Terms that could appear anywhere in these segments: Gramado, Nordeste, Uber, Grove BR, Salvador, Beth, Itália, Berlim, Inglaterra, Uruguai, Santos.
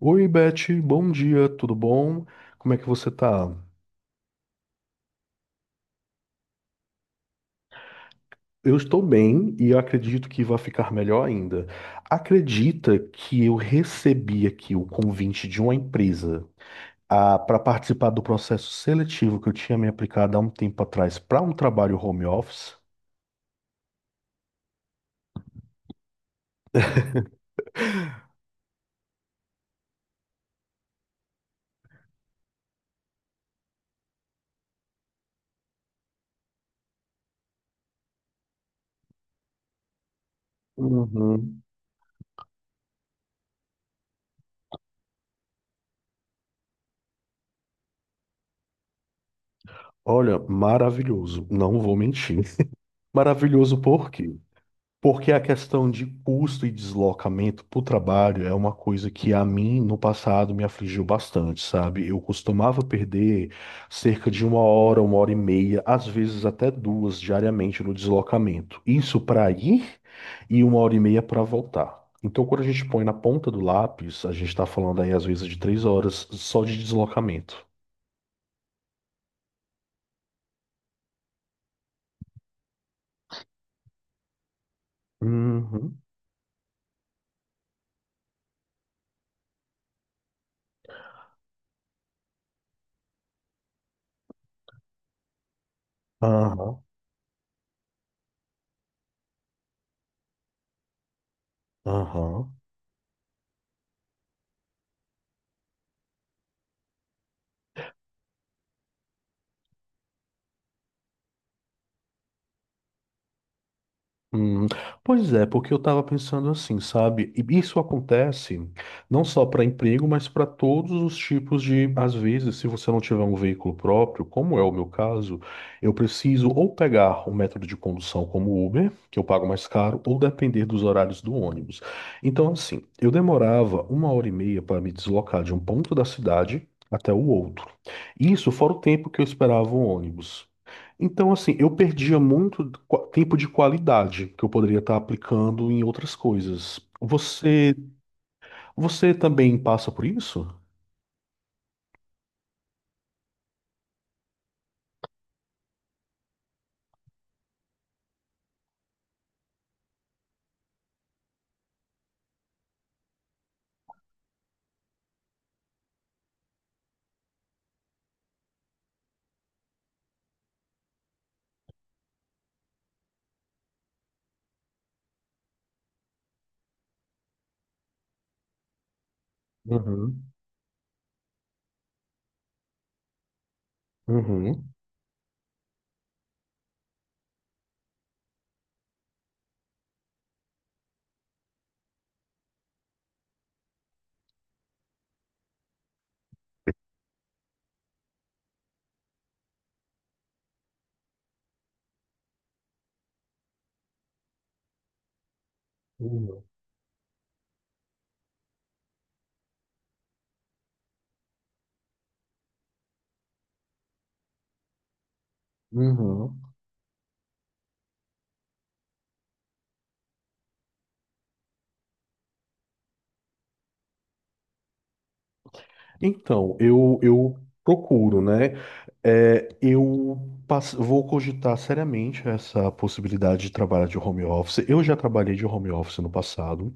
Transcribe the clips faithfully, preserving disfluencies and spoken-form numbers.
Oi, Beth, bom dia, tudo bom? Como é que você tá? Eu estou bem e acredito que vai ficar melhor ainda. Acredita que eu recebi aqui o convite de uma empresa para participar do processo seletivo que eu tinha me aplicado há um tempo atrás para um trabalho home office? Uhum. Olha, maravilhoso, não vou mentir. Maravilhoso por quê? Porque a questão de custo e deslocamento para o trabalho é uma coisa que a mim no passado me afligiu bastante, sabe? Eu costumava perder cerca de uma hora, uma hora e meia, às vezes até duas diariamente no deslocamento. Isso para ir e uma hora e meia para voltar. Então, quando a gente põe na ponta do lápis, a gente está falando aí às vezes de três horas só de deslocamento. Uhum. Aham. Aham. Hum, pois é, porque eu estava pensando assim, sabe? E isso acontece não só para emprego, mas para todos os tipos de, às vezes, se você não tiver um veículo próprio, como é o meu caso, eu preciso ou pegar um método de condução como o Uber, que eu pago mais caro, ou depender dos horários do ônibus. Então, assim, eu demorava uma hora e meia para me deslocar de um ponto da cidade até o outro. Isso fora o tempo que eu esperava o ônibus. Então, assim, eu perdia muito qua- tempo de qualidade que eu poderia estar aplicando em outras coisas. Você, você também passa por isso? Uhum, uhum, uhum, uhum. Então, eu, eu procuro, né? É, eu passo- vou cogitar seriamente essa possibilidade de trabalhar de home office. Eu já trabalhei de home office no passado.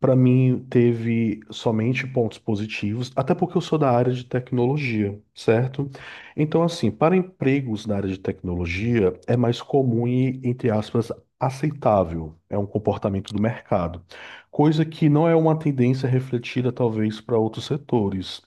Para mim, teve somente pontos positivos, até porque eu sou da área de tecnologia, certo? Então, assim, para empregos na área de tecnologia, é mais comum e, entre aspas, aceitável. É um comportamento do mercado, coisa que não é uma tendência refletida, talvez, para outros setores.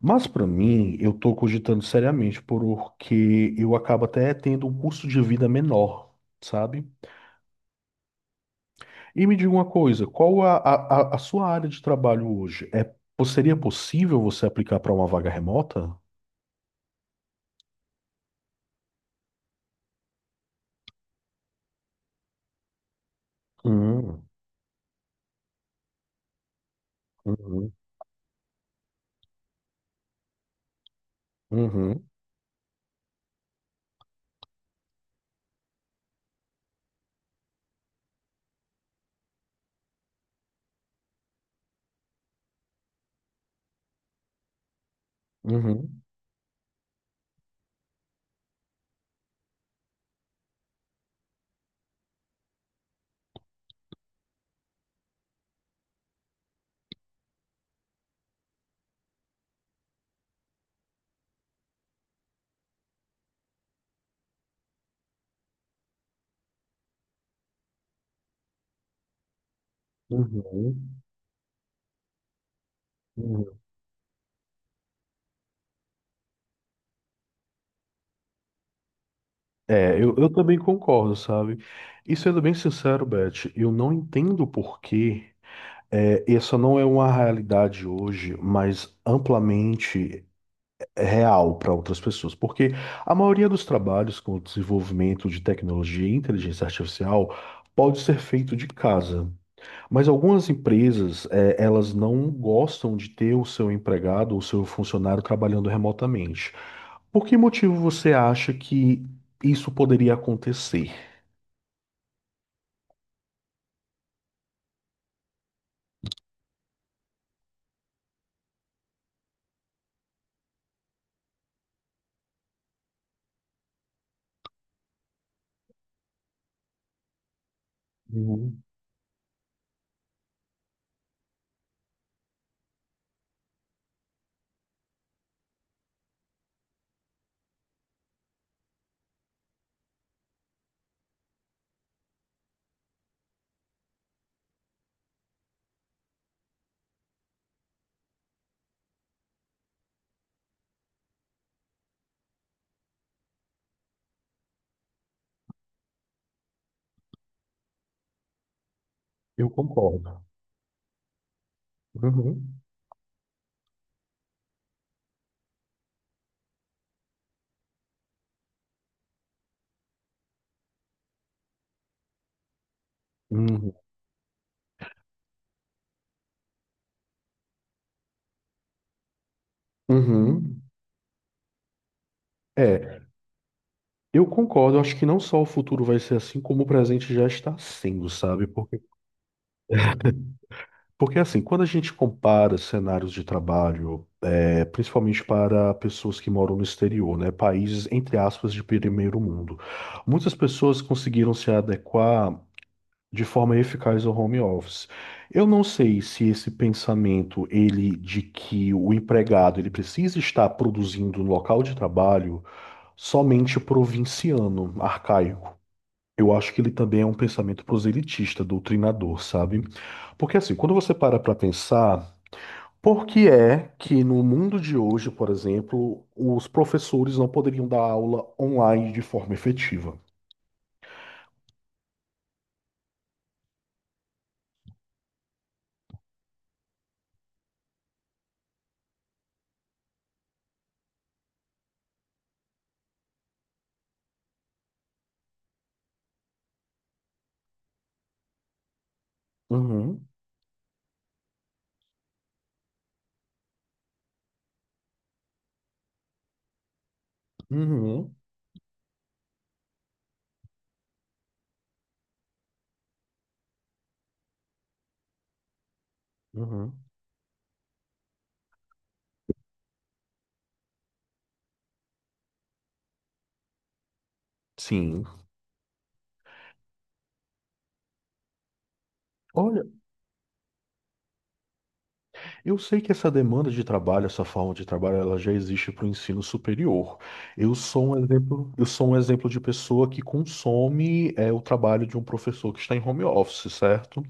Mas, para mim, eu estou cogitando seriamente, porque eu acabo até tendo um custo de vida menor, sabe? E me diga uma coisa, qual a, a, a- a sua área de trabalho hoje? É, po- seria possível você aplicar para uma vaga remota? Hum, uhum, uhum, uhum, uhum, uhum. É, eu, eu também concordo, sabe? E sendo bem sincero, Beth, eu não entendo por que é, essa não é uma realidade hoje, mas amplamente real para outras pessoas, porque a maioria dos trabalhos com o desenvolvimento de tecnologia e inteligência artificial pode ser feito de casa, mas algumas empresas, eh, elas não gostam de ter o seu empregado ou seu funcionário trabalhando remotamente. Por que motivo você acha que isso poderia acontecer? Uhum. Eu concordo. Uhum. Uhum. Uhum. É, eu concordo. eu Acho que não só o futuro vai ser assim, como o presente já está sendo, sabe? Porque Porque assim, quando a gente compara cenários de trabalho, é, principalmente para pessoas que moram no exterior, né, países entre aspas de primeiro mundo, muitas pessoas conseguiram se adequar de forma eficaz ao home office. Eu não sei se esse pensamento, ele de que o empregado ele precisa estar produzindo no local de trabalho somente provinciano, arcaico. Eu acho que ele também é um pensamento proselitista, doutrinador, sabe? Porque assim, quando você para para pensar por que é que no mundo de hoje, por exemplo, os professores não poderiam dar aula online de forma efetiva? Uhum, uhum, uhum. Sim. Eu sei que essa demanda de trabalho, essa forma de trabalho, ela já existe para o ensino superior. Eu sou um exemplo, eu sou um exemplo de pessoa que consome é, o trabalho de um professor que está em home office, certo?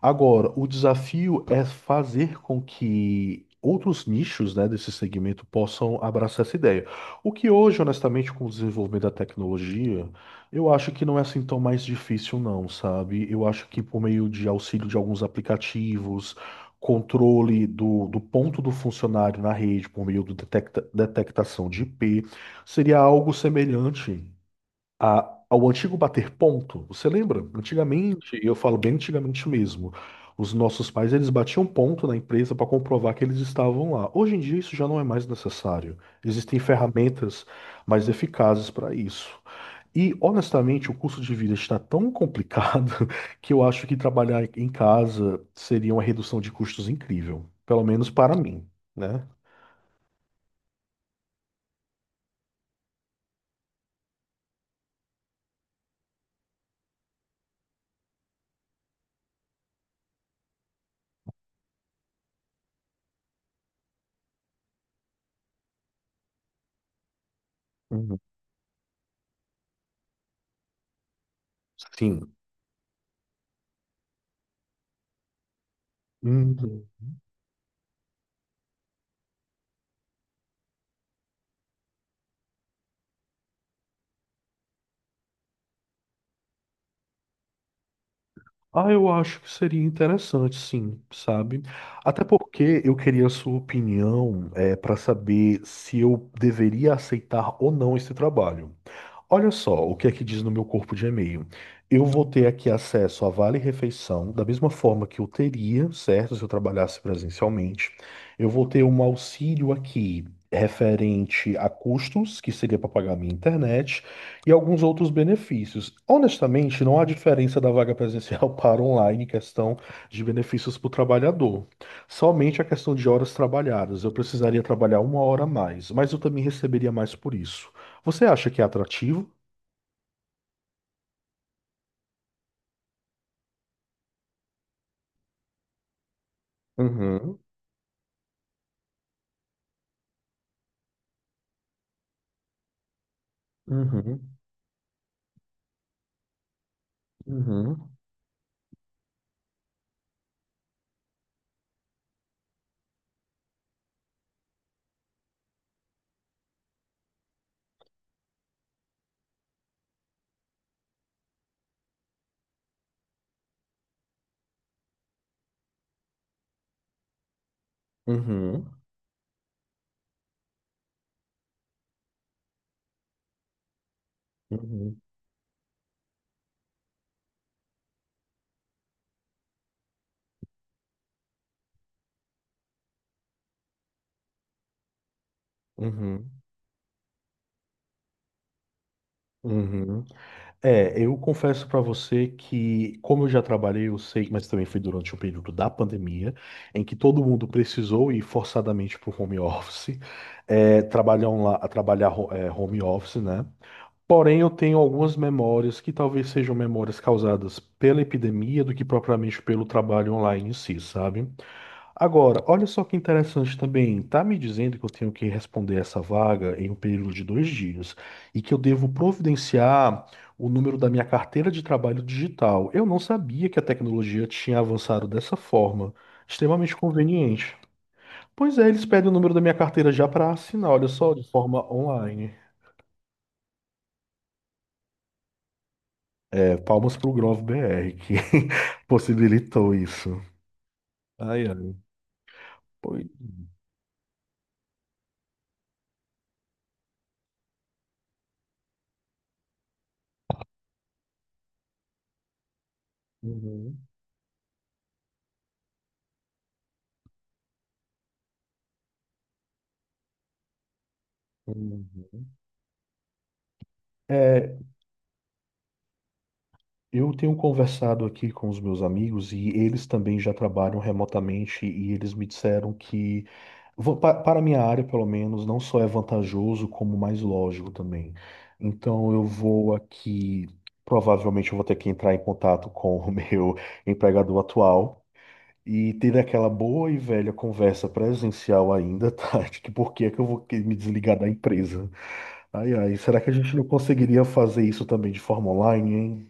Agora, o desafio é fazer com que outros nichos, né, desse segmento possam abraçar essa ideia. O que hoje, honestamente, com o desenvolvimento da tecnologia, eu acho que não é assim tão mais difícil, não, sabe? Eu acho que por meio de auxílio de alguns aplicativos controle do, do ponto do funcionário na rede por meio do detecta- detectação de I P seria algo semelhante a- ao antigo bater ponto. Você lembra? Antigamente, e eu falo bem antigamente mesmo, os nossos pais eles batiam ponto na empresa para comprovar que eles estavam lá. Hoje em dia isso já não é mais necessário. Existem ferramentas mais eficazes para isso. E honestamente, o custo de vida está tão complicado que eu acho que trabalhar em casa seria uma redução de custos incrível, pelo menos para mim, né? Uhum. Sim. Uhum. Ah, eu acho que seria interessante, sim, sabe? Até porque eu queria a sua opinião, é, para saber se eu deveria aceitar ou não esse trabalho. Olha só o que é que diz no meu corpo de e-mail. Eu vou ter aqui acesso a Vale Refeição, da mesma forma que eu teria, certo? Se eu trabalhasse presencialmente. Eu vou ter um auxílio aqui referente a custos, que seria para pagar minha internet e alguns outros benefícios. Honestamente, não há diferença da vaga presencial para online em questão de benefícios para o trabalhador. Somente a questão de horas trabalhadas. Eu precisaria trabalhar uma hora a mais, mas eu também receberia mais por isso. Você acha que é atrativo? Uhum, uhum, uhum, uhum, uhum, uhum, uhum, É, eu confesso para você que, como eu já trabalhei, eu sei, mas também foi durante o período da pandemia, em que todo mundo precisou ir forçadamente para o home office, é, trabalhar, onla- trabalhar ho- é, home office, né? Porém, eu tenho algumas memórias que talvez sejam memórias causadas pela epidemia do que propriamente pelo trabalho online em si, sabe? Agora, olha só que interessante também. Tá me dizendo que eu tenho que responder essa vaga em um período de dois dias e que eu devo providenciar o número da minha carteira de trabalho digital. Eu não sabia que a tecnologia tinha avançado dessa forma. Extremamente conveniente. Pois é, eles pedem o número da minha carteira já para assinar, olha só, de forma online. É, palmas pro Grove B R que possibilitou isso. Ai, ai. Pois. Uhum, uhum. Eu tenho conversado aqui com os meus amigos e eles também já trabalham remotamente e eles me disseram que, va- pa- para a minha área, pelo menos, não só é vantajoso, como mais lógico também. Então, eu vou aqui, provavelmente, eu vou ter que entrar em contato com o meu empregador atual e ter aquela boa e velha conversa presencial ainda, tá? De que por que é que eu vou que- me desligar da empresa? Ai, ai, será que a gente não conseguiria fazer isso também de forma online, hein?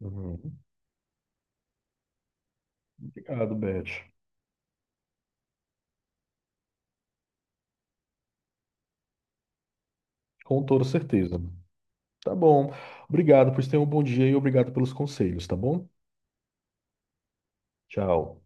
Uhum. Obrigado, Beth. Com toda certeza. Tá bom. Obrigado, pois tenha um bom dia e obrigado pelos conselhos, tá bom? Tchau.